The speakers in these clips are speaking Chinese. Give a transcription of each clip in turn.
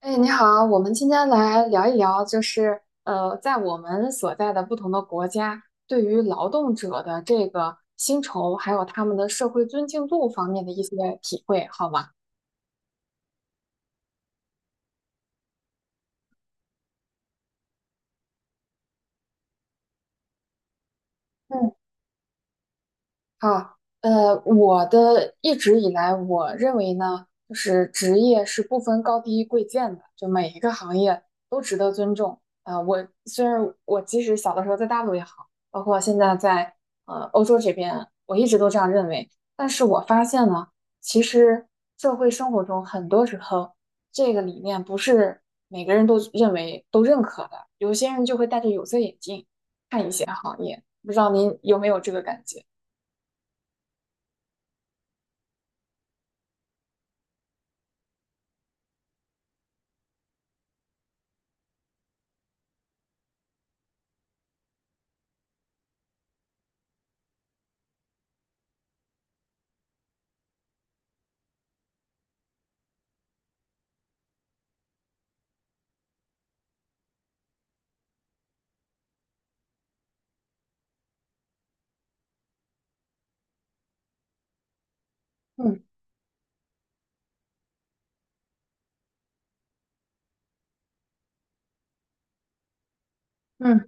哎，你好，我们今天来聊一聊，在我们所在的不同的国家，对于劳动者的这个薪酬，还有他们的社会尊敬度方面的一些体会，好吗？嗯。啊，呃，我的一直以来，我认为呢，就是职业是不分高低贵贱的，就每一个行业都值得尊重。啊、我虽然我即使小的时候在大陆也好，包括现在在欧洲这边，我一直都这样认为。但是我发现呢，其实社会生活中很多时候，这个理念不是每个人都认可的，有些人就会戴着有色眼镜看一些行业，不知道您有没有这个感觉？嗯。嗯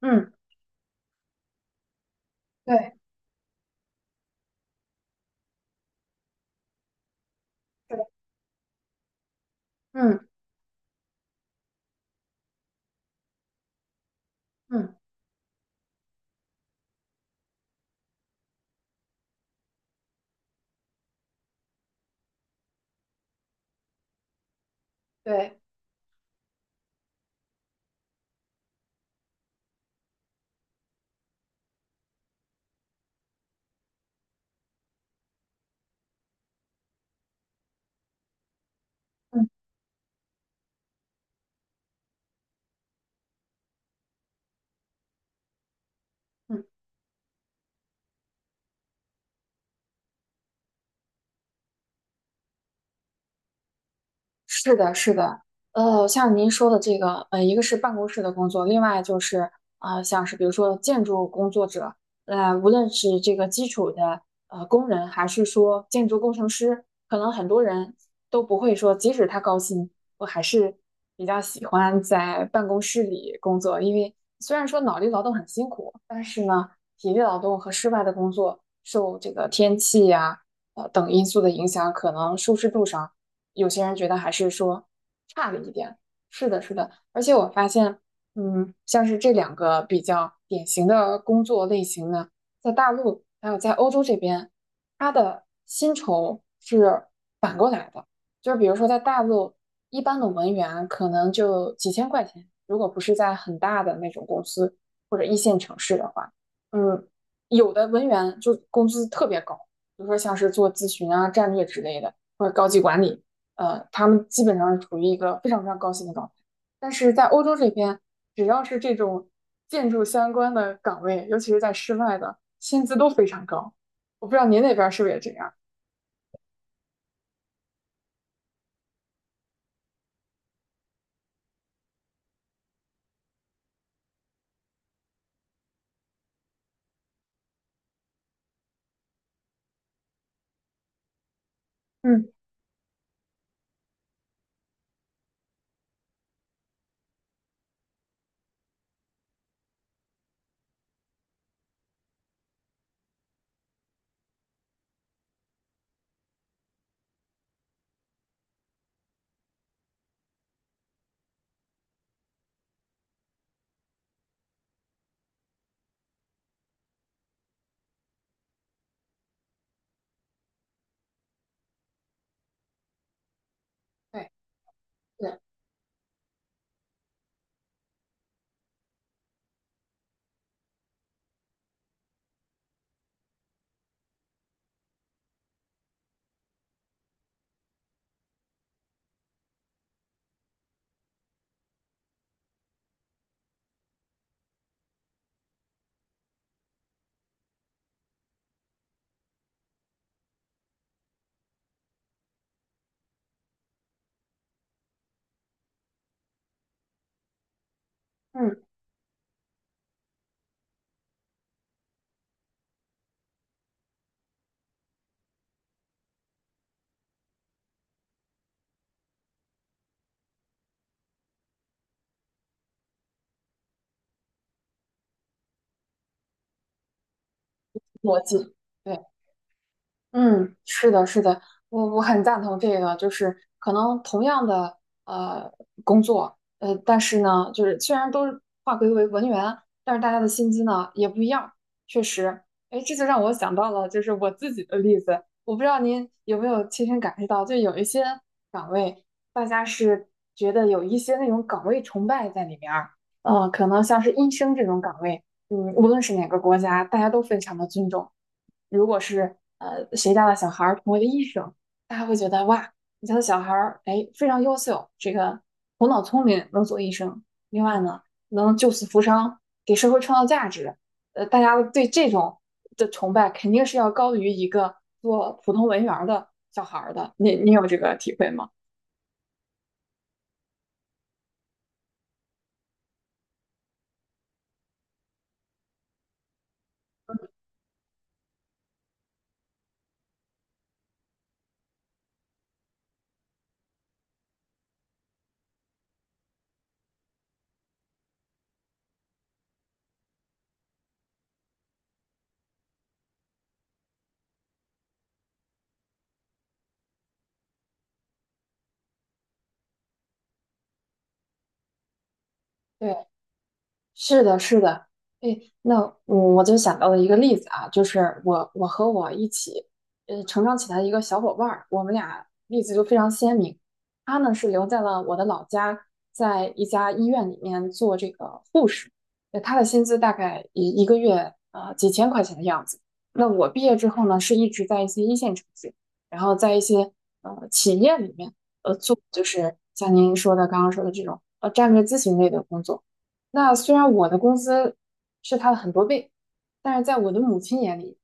嗯，对，是的。嗯嗯，对。嗯。嗯，是的，是的。像您说的这个，呃，一个是办公室的工作，另外就是像是比如说建筑工作者，呃，无论是这个基础的工人，还是说建筑工程师，可能很多人都不会说，即使他高薪，我还是比较喜欢在办公室里工作，因为虽然说脑力劳动很辛苦，但是呢，体力劳动和室外的工作受这个天气呀、等因素的影响，可能舒适度上，有些人觉得还是说差了一点。是的，是的，而且我发现，嗯，像是这两个比较典型的工作类型呢，在大陆还有在欧洲这边，它的薪酬是反过来的，就是比如说在大陆，一般的文员可能就几千块钱，如果不是在很大的那种公司或者一线城市的话。嗯。有的文员就工资特别高，比如说像是做咨询啊、战略之类的，或者高级管理，他们基本上是处于一个非常非常高薪的状态。但是在欧洲这边，只要是这种建筑相关的岗位，尤其是在室外的，薪资都非常高。我不知道您那边是不是也这样？嗯，对对，嗯，逻辑，对。嗯，是的，是的。我很赞同这个，就是可能同样的呃工作，呃，但是呢，就是虽然都是划归为文员，但是大家的薪资呢也不一样，确实。哎，这就让我想到了就是我自己的例子，我不知道您有没有亲身感受到，就有一些岗位，大家是觉得有一些那种岗位崇拜在里面儿。可能像是医生这种岗位。嗯，无论是哪个国家，大家都非常的尊重。如果是谁家的小孩儿成为了医生，大家会觉得哇，你家的小孩儿哎非常优秀，这个头脑聪明，能做医生。另外呢，能救死扶伤，给社会创造价值。大家对这种的崇拜肯定是要高于一个做普通文员儿的小孩儿的。你有这个体会吗？对，是的，是的。哎，那我就想到了一个例子啊，就是我和我一起成长起来的一个小伙伴儿，我们俩例子就非常鲜明。他呢是留在了我的老家，在一家医院里面做这个护士，他的薪资大概一个月几千块钱的样子。那我毕业之后呢，是一直在一些一线城市，然后在一些企业里面做，就是像您刚刚说的这种战略咨询类的工作。那虽然我的工资是他的很多倍，但是在我的母亲眼里，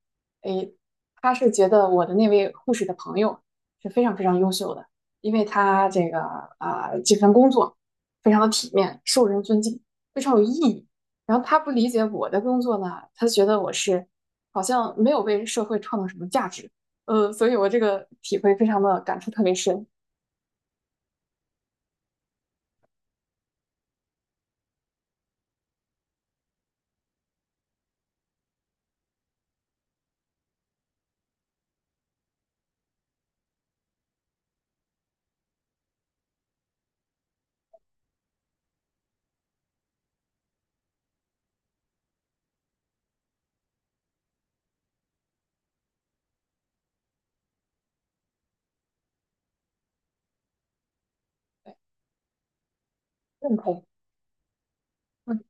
诶，她是觉得我的那位护士的朋友是非常非常优秀的，因为她这个这份工作非常的体面，受人尊敬，非常有意义。然后他不理解我的工作呢，他觉得我是好像没有为社会创造什么价值，所以我这个体会非常的感触特别深。对，认同，嗯，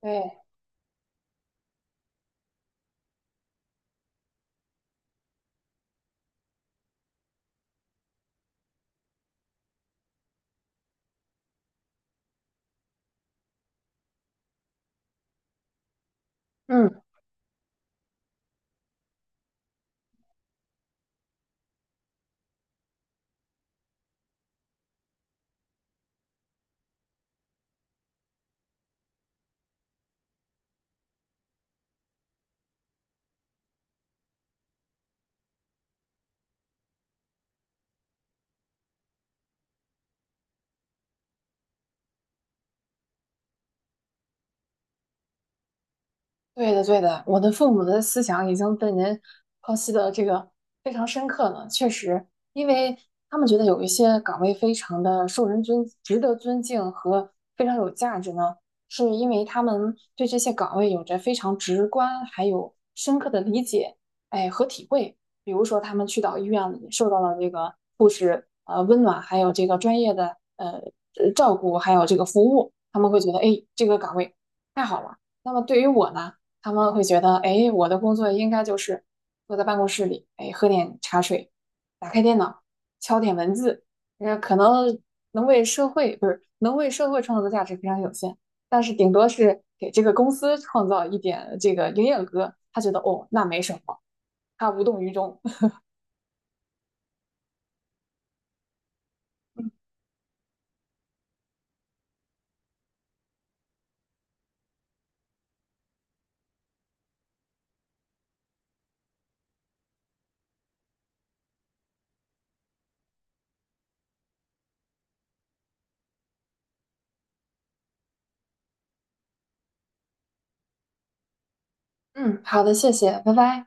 对，嗯。对的，对的，我的父母的思想已经被您剖析的这个非常深刻了。确实，因为他们觉得有一些岗位非常的受人尊，值得尊敬和非常有价值呢，是因为他们对这些岗位有着非常直观还有深刻的理解，哎和体会。比如说，他们去到医院里受到了这个护士温暖，还有这个专业的照顾，还有这个服务，他们会觉得哎这个岗位太好了。那么对于我呢？他们会觉得，哎，我的工作应该就是坐在办公室里，哎，喝点茶水，打开电脑，敲点文字，呃，可能能为社会，不是，能为社会创造的价值非常有限，但是顶多是给这个公司创造一点这个营业额，他觉得哦，那没什么，他无动于衷。嗯，好的，谢谢，拜拜。